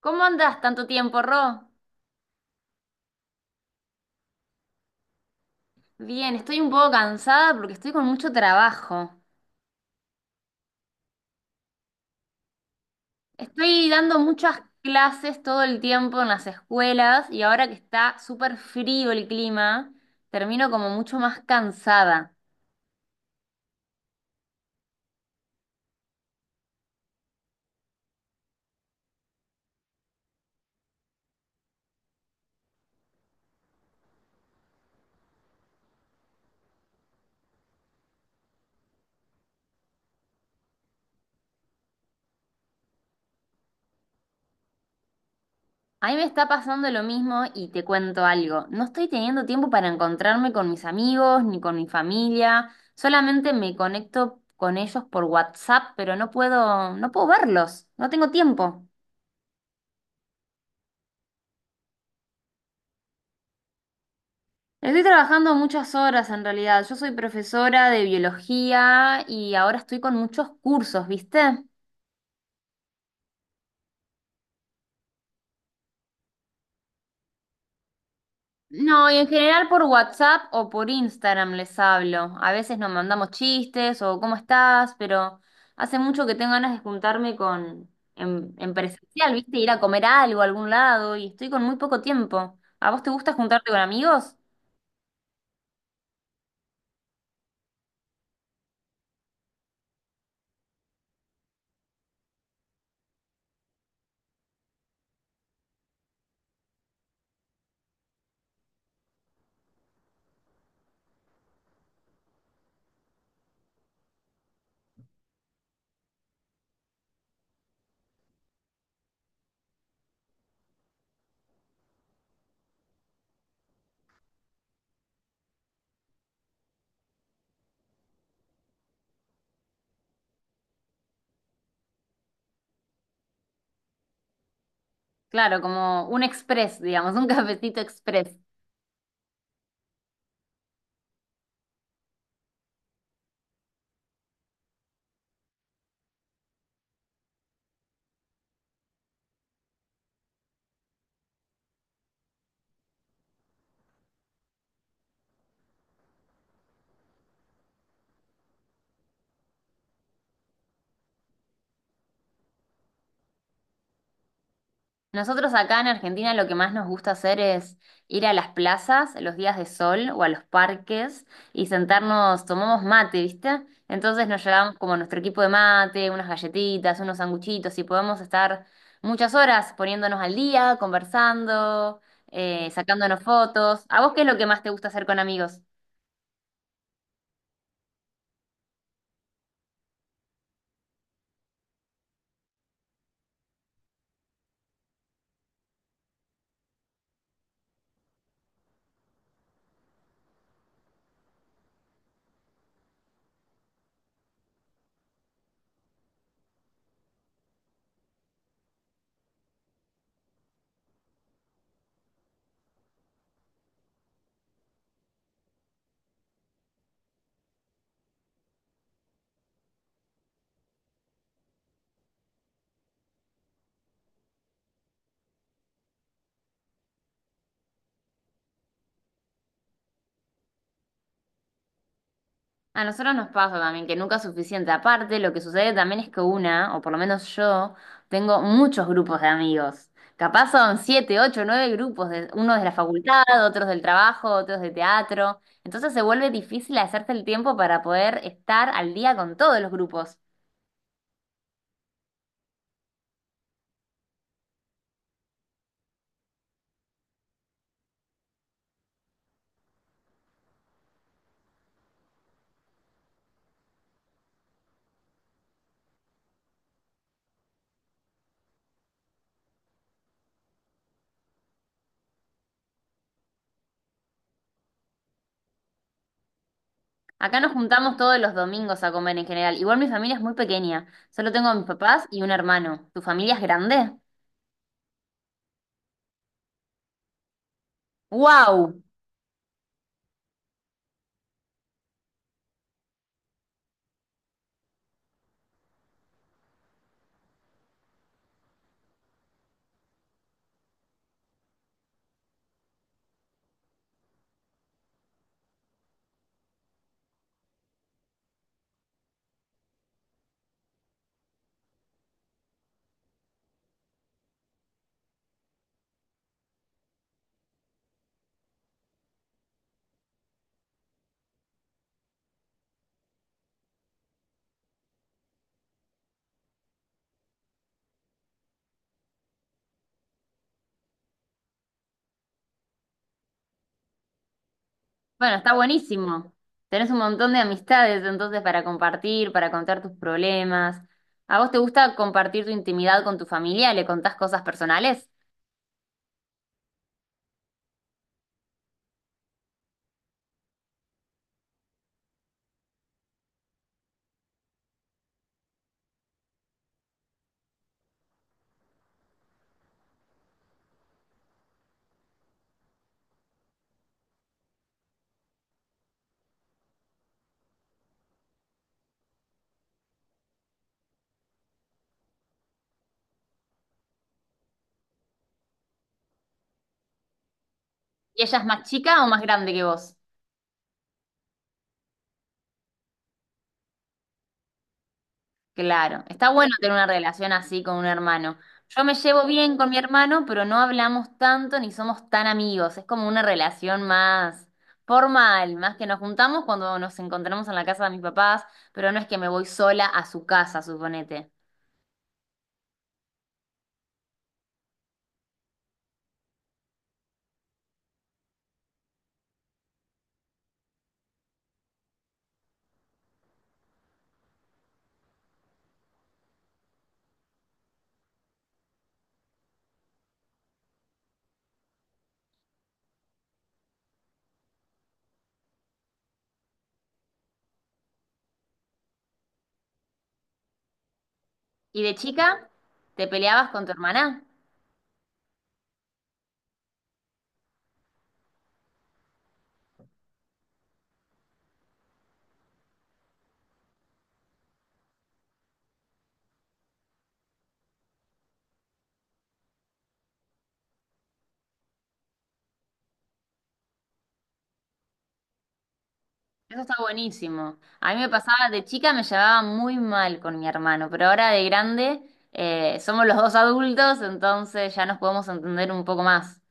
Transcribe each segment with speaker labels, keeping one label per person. Speaker 1: ¿Cómo andas tanto tiempo, Ro? Bien, estoy un poco cansada porque estoy con mucho trabajo. Estoy dando muchas clases todo el tiempo en las escuelas y ahora que está súper frío el clima, termino como mucho más cansada. A mí me está pasando lo mismo y te cuento algo. No estoy teniendo tiempo para encontrarme con mis amigos ni con mi familia. Solamente me conecto con ellos por WhatsApp, pero no puedo verlos. No tengo tiempo. Estoy trabajando muchas horas en realidad. Yo soy profesora de biología y ahora estoy con muchos cursos, ¿viste? No, y en general por WhatsApp o por Instagram les hablo. A veces nos mandamos chistes o ¿cómo estás? Pero hace mucho que tengo ganas de juntarme con en presencial, ¿viste? Ir a comer algo a algún lado y estoy con muy poco tiempo. ¿A vos te gusta juntarte con amigos? Claro, como un express, digamos, un cafecito express. Nosotros acá en Argentina lo que más nos gusta hacer es ir a las plazas los días de sol o a los parques y sentarnos, tomamos mate, ¿viste? Entonces nos llevamos como nuestro equipo de mate, unas galletitas, unos sanguchitos y podemos estar muchas horas poniéndonos al día, conversando, sacándonos fotos. ¿A vos qué es lo que más te gusta hacer con amigos? A nosotros nos pasa también que nunca es suficiente. Aparte, lo que sucede también es que una, o por lo menos yo, tengo muchos grupos de amigos. Capaz son siete, ocho, nueve grupos, de, unos de la facultad, otros del trabajo, otros de teatro. Entonces se vuelve difícil hacerse el tiempo para poder estar al día con todos los grupos. Acá nos juntamos todos los domingos a comer en general. Igual mi familia es muy pequeña. Solo tengo a mis papás y un hermano. ¿Tu familia es grande? ¡Wow! Bueno, está buenísimo. Tenés un montón de amistades entonces para compartir, para contar tus problemas. ¿A vos te gusta compartir tu intimidad con tu familia? ¿Le contás cosas personales? ¿Y ella es más chica o más grande que vos? Claro, está bueno tener una relación así con un hermano. Yo me llevo bien con mi hermano, pero no hablamos tanto ni somos tan amigos. Es como una relación más formal, más que nos juntamos cuando nos encontramos en la casa de mis papás, pero no es que me voy sola a su casa, suponete. Y de chica te peleabas con tu hermana. Eso está buenísimo. A mí me pasaba de chica, me llevaba muy mal con mi hermano, pero ahora de grande somos los dos adultos, entonces ya nos podemos entender un poco más.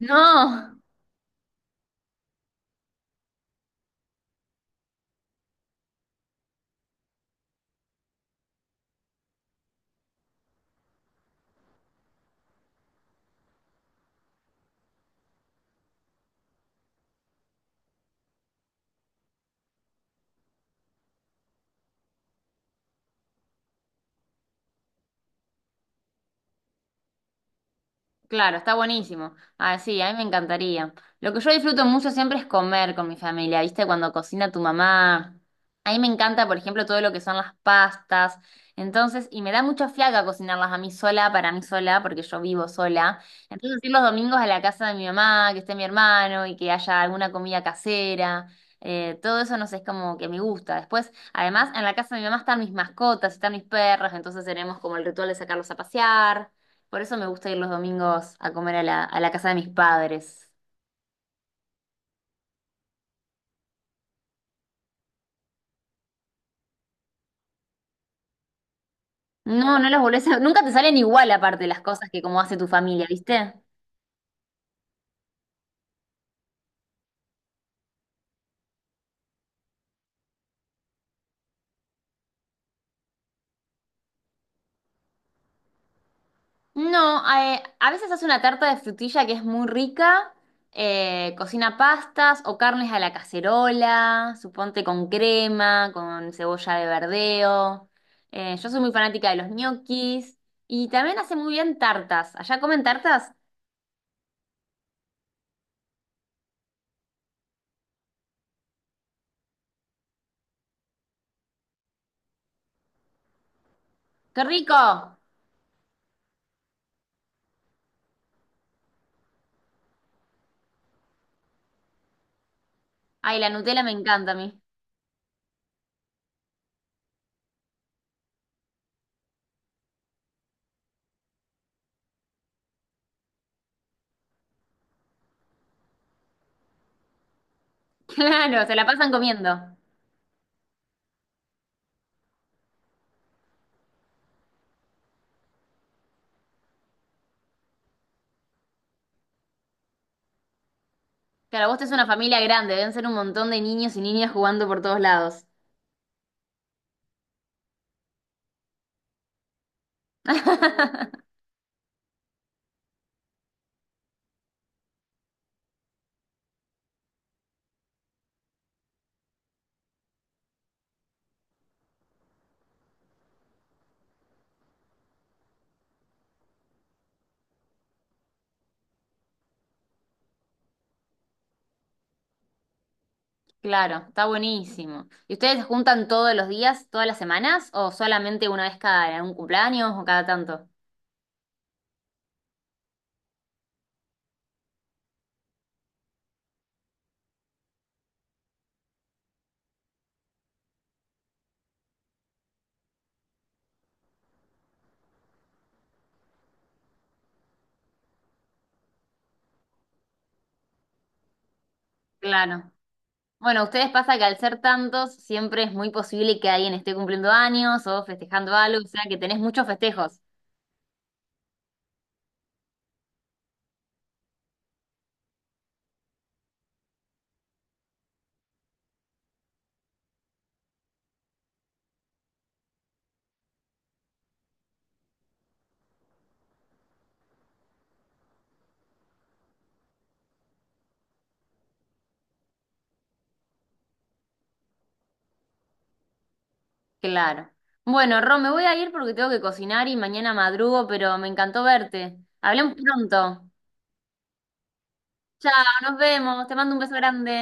Speaker 1: No. Claro, está buenísimo. Ah, sí, a mí me encantaría. Lo que yo disfruto mucho siempre es comer con mi familia, ¿viste? Cuando cocina tu mamá. A mí me encanta, por ejemplo, todo lo que son las pastas. Entonces, y me da mucha fiaca cocinarlas a mí sola, para mí sola, porque yo vivo sola. Entonces, ir los domingos a la casa de mi mamá, que esté mi hermano y que haya alguna comida casera. Todo eso, no sé, es como que me gusta. Después, además, en la casa de mi mamá están mis mascotas, están mis perros, entonces tenemos como el ritual de sacarlos a pasear. Por eso me gusta ir los domingos a comer a la casa de mis padres. No, no los volvés a... Nunca te salen igual aparte las cosas que como hace tu familia, ¿viste? No, a veces hace una tarta de frutilla que es muy rica, cocina pastas o carnes a la cacerola, suponte con crema, con cebolla de verdeo. Yo soy muy fanática de los ñoquis y también hace muy bien tartas. ¿Allá comen tartas? ¡Qué rico! Ay, la Nutella me encanta a mí. Claro, se la pasan comiendo. Claro, vos tenés una familia grande, deben ser un montón de niños y niñas jugando por todos lados. Claro, está buenísimo. ¿Y ustedes se juntan todos los días, todas las semanas, o solamente una vez cada un cumpleaños o cada tanto? Claro. Bueno, a ustedes pasa que al ser tantos, siempre es muy posible que alguien esté cumpliendo años o festejando algo, o sea que tenés muchos festejos. Claro. Bueno, Ron, me voy a ir porque tengo que cocinar y mañana madrugo, pero me encantó verte. Hablemos pronto. Chao, nos vemos. Te mando un beso grande.